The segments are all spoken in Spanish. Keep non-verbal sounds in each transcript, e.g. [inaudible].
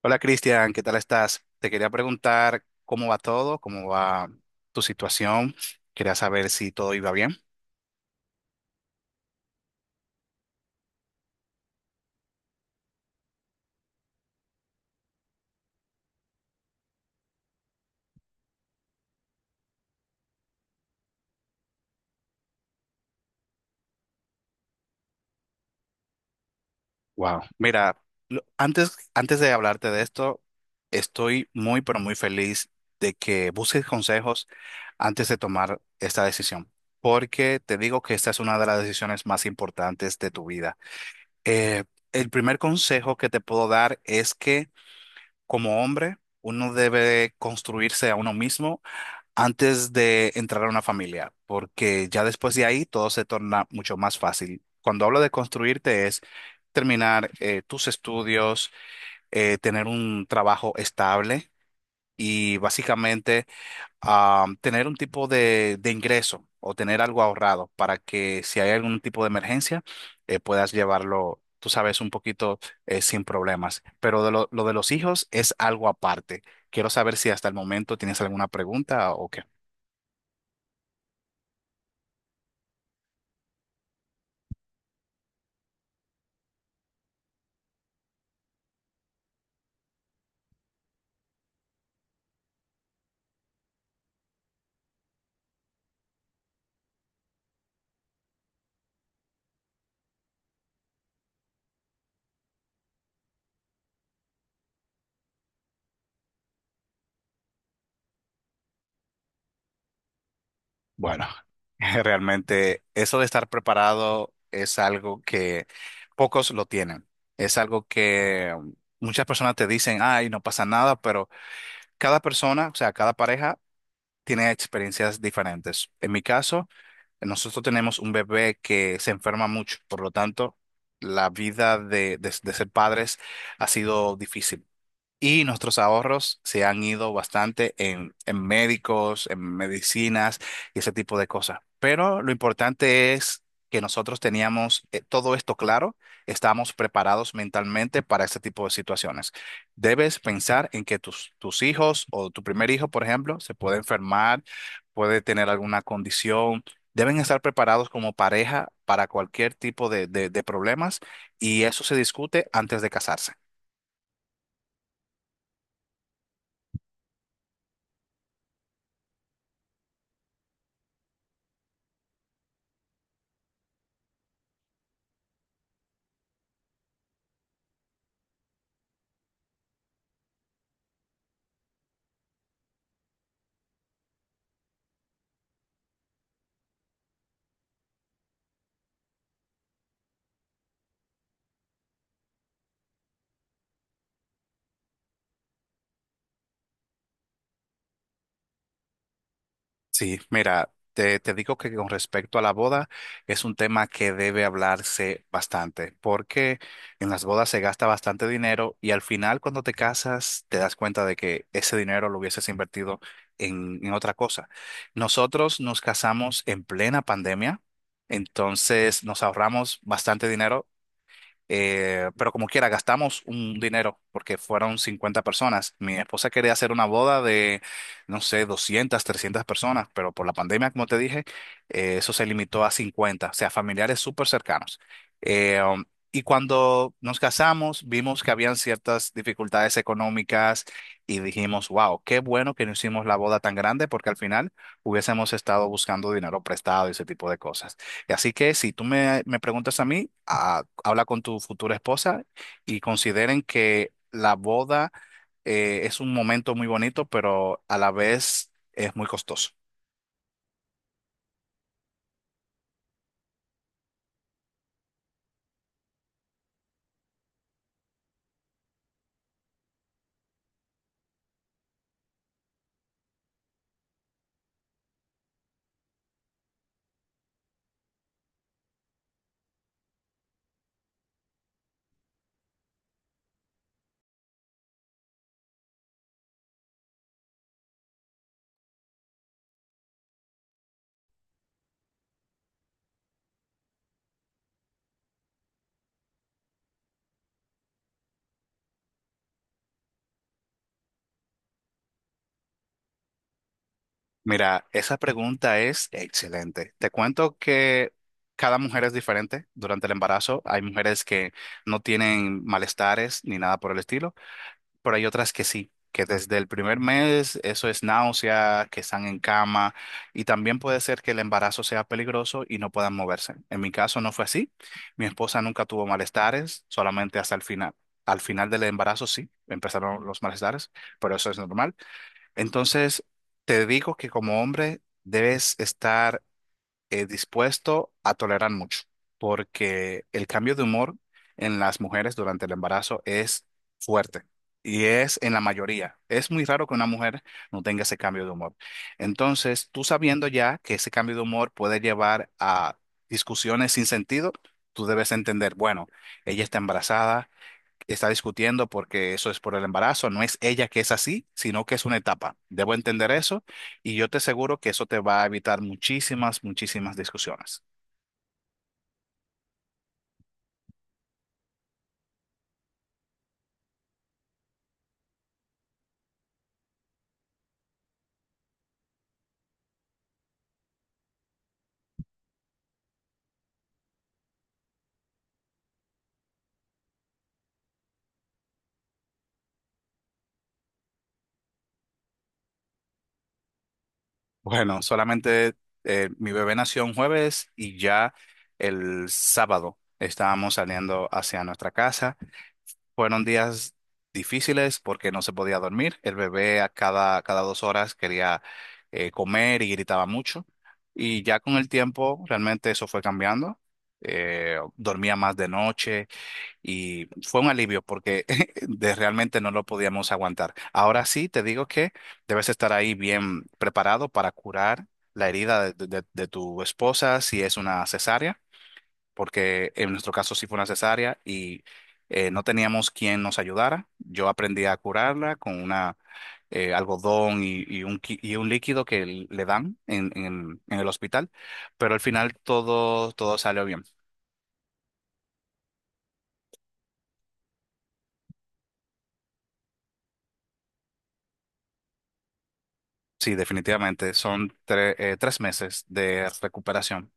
Hola Cristian, ¿qué tal estás? Te quería preguntar cómo va todo, cómo va tu situación. Quería saber si todo iba bien. Wow. Mira, antes de hablarte de esto, estoy muy, pero muy feliz de que busques consejos antes de tomar esta decisión, porque te digo que esta es una de las decisiones más importantes de tu vida. Eh, el primer consejo que te puedo dar es que como hombre, uno debe construirse a uno mismo antes de entrar a una familia, porque ya después de ahí todo se torna mucho más fácil. Cuando hablo de construirte es terminar tus estudios, tener un trabajo estable y básicamente tener un tipo de ingreso o tener algo ahorrado para que si hay algún tipo de emergencia puedas llevarlo, tú sabes, un poquito sin problemas. Pero de lo de los hijos es algo aparte. Quiero saber si hasta el momento tienes alguna pregunta o qué. Bueno, [laughs] realmente eso de estar preparado es algo que pocos lo tienen. Es algo que muchas personas te dicen, ay, no pasa nada, pero cada persona, o sea, cada pareja tiene experiencias diferentes. En mi caso, nosotros tenemos un bebé que se enferma mucho, por lo tanto, la vida de ser padres ha sido difícil. Y nuestros ahorros se han ido bastante en médicos, en medicinas y ese tipo de cosas. Pero lo importante es que nosotros teníamos todo esto claro, estábamos preparados mentalmente para este tipo de situaciones. Debes pensar en que tus hijos o tu primer hijo, por ejemplo, se puede enfermar, puede tener alguna condición. Deben estar preparados como pareja para cualquier tipo de problemas y eso se discute antes de casarse. Sí, mira, te digo que con respecto a la boda es un tema que debe hablarse bastante, porque en las bodas se gasta bastante dinero y al final cuando te casas te das cuenta de que ese dinero lo hubieses invertido en otra cosa. Nosotros nos casamos en plena pandemia, entonces nos ahorramos bastante dinero, pero como quiera, gastamos un dinero porque fueron 50 personas. Mi esposa quería hacer una boda de, no sé, 200 300 personas, pero por la pandemia, como te dije, eso se limitó a 50, o sea, familiares súper cercanos. Eh, um, y cuando nos casamos, vimos que habían ciertas dificultades económicas y dijimos, wow, qué bueno que no hicimos la boda tan grande porque al final hubiésemos estado buscando dinero prestado y ese tipo de cosas. Así que si tú me preguntas a mí, habla con tu futura esposa y consideren que la boda es un momento muy bonito, pero a la vez es muy costoso. Mira, esa pregunta es excelente. Te cuento que cada mujer es diferente durante el embarazo. Hay mujeres que no tienen malestares ni nada por el estilo. Pero hay otras que sí, que desde el primer mes eso es náusea, que están en cama, y también puede ser que el embarazo sea peligroso y no puedan moverse. En mi caso no fue así. Mi esposa nunca tuvo malestares, solamente hasta el final. Al final del embarazo sí, empezaron los malestares, pero eso es normal. Entonces, te digo que como hombre debes estar dispuesto a tolerar mucho, porque el cambio de humor en las mujeres durante el embarazo es fuerte, y es en la mayoría. Es muy raro que una mujer no tenga ese cambio de humor. Entonces, tú, sabiendo ya que ese cambio de humor puede llevar a discusiones sin sentido, tú debes entender, bueno, ella está embarazada, está discutiendo porque eso es por el embarazo, no es ella que es así, sino que es una etapa. Debo entender eso, y yo te aseguro que eso te va a evitar muchísimas, muchísimas discusiones. Bueno, solamente, mi bebé nació un jueves y ya el sábado estábamos saliendo hacia nuestra casa. Fueron días difíciles porque no se podía dormir. El bebé, a cada 2 horas, quería comer y gritaba mucho. Y ya con el tiempo realmente eso fue cambiando. Dormía más de noche y fue un alivio porque [laughs] realmente no lo podíamos aguantar. Ahora sí, te digo que debes estar ahí bien preparado para curar la herida de tu esposa si es una cesárea, porque en nuestro caso sí fue una cesárea y no teníamos quien nos ayudara. Yo aprendí a curarla con una algodón y un líquido que le dan en el hospital, pero al final todo salió bien. Sí, definitivamente, son tres meses de recuperación.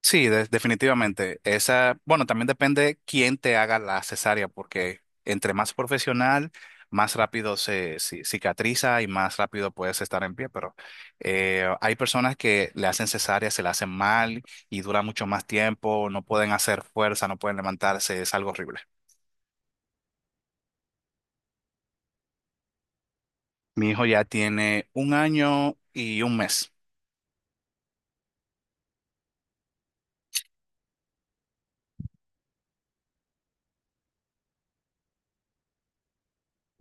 Sí, definitivamente. Esa, bueno, también depende quién te haga la cesárea, porque entre más profesional, más rápido se cicatriza y más rápido puedes estar en pie. Pero hay personas que le hacen cesárea, se la hacen mal, y dura mucho más tiempo, no pueden hacer fuerza, no pueden levantarse, es algo horrible. Mi hijo ya tiene 1 año y 1 mes.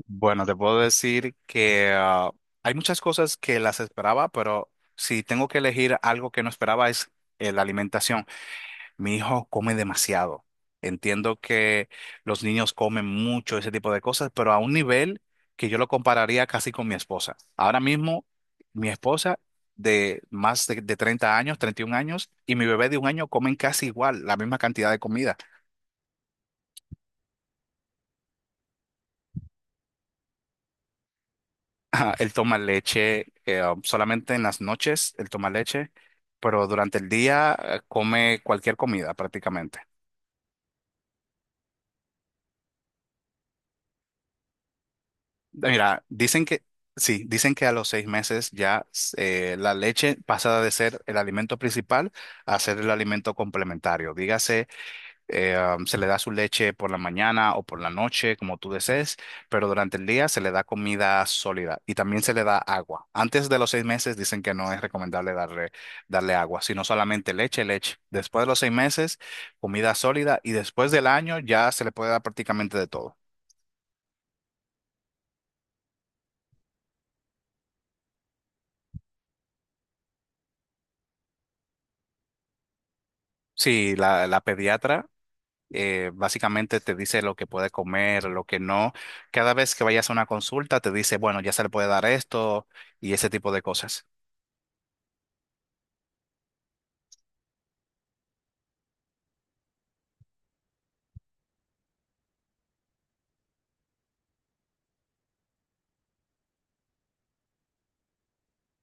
Bueno, te puedo decir que hay muchas cosas que las esperaba, pero si tengo que elegir algo que no esperaba es la alimentación. Mi hijo come demasiado. Entiendo que los niños comen mucho, ese tipo de cosas, pero a un nivel que yo lo compararía casi con mi esposa. Ahora mismo, mi esposa, de más de 30 años, 31 años, y mi bebé de 1 año comen casi igual, la misma cantidad de comida. [laughs] Ajá. Él toma leche solamente en las noches, él toma leche, pero durante el día come cualquier comida prácticamente. Mira, sí, dicen que a los 6 meses ya la leche pasa de ser el alimento principal a ser el alimento complementario. Dígase, se le da su leche por la mañana o por la noche, como tú desees, pero durante el día se le da comida sólida y también se le da agua. Antes de los 6 meses dicen que no es recomendable darle agua, sino solamente leche, leche. Después de los 6 meses, comida sólida, y después del año ya se le puede dar prácticamente de todo. Sí, la pediatra básicamente te dice lo que puede comer, lo que no. Cada vez que vayas a una consulta te dice, bueno, ya se le puede dar esto y ese tipo de cosas.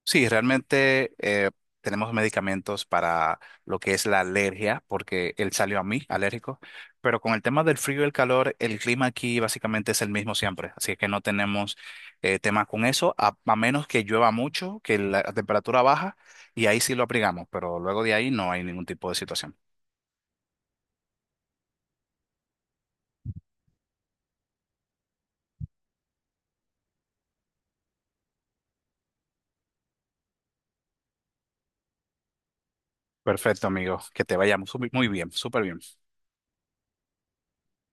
Sí, realmente tenemos medicamentos para lo que es la alergia, porque él salió a mí alérgico, pero con el tema del frío y el calor, el clima aquí básicamente es el mismo siempre, así que no tenemos tema con eso, a menos que llueva mucho, que la temperatura baja, y ahí sí lo abrigamos, pero luego de ahí no hay ningún tipo de situación. Perfecto, amigo, que te vayamos muy muy bien, súper bien.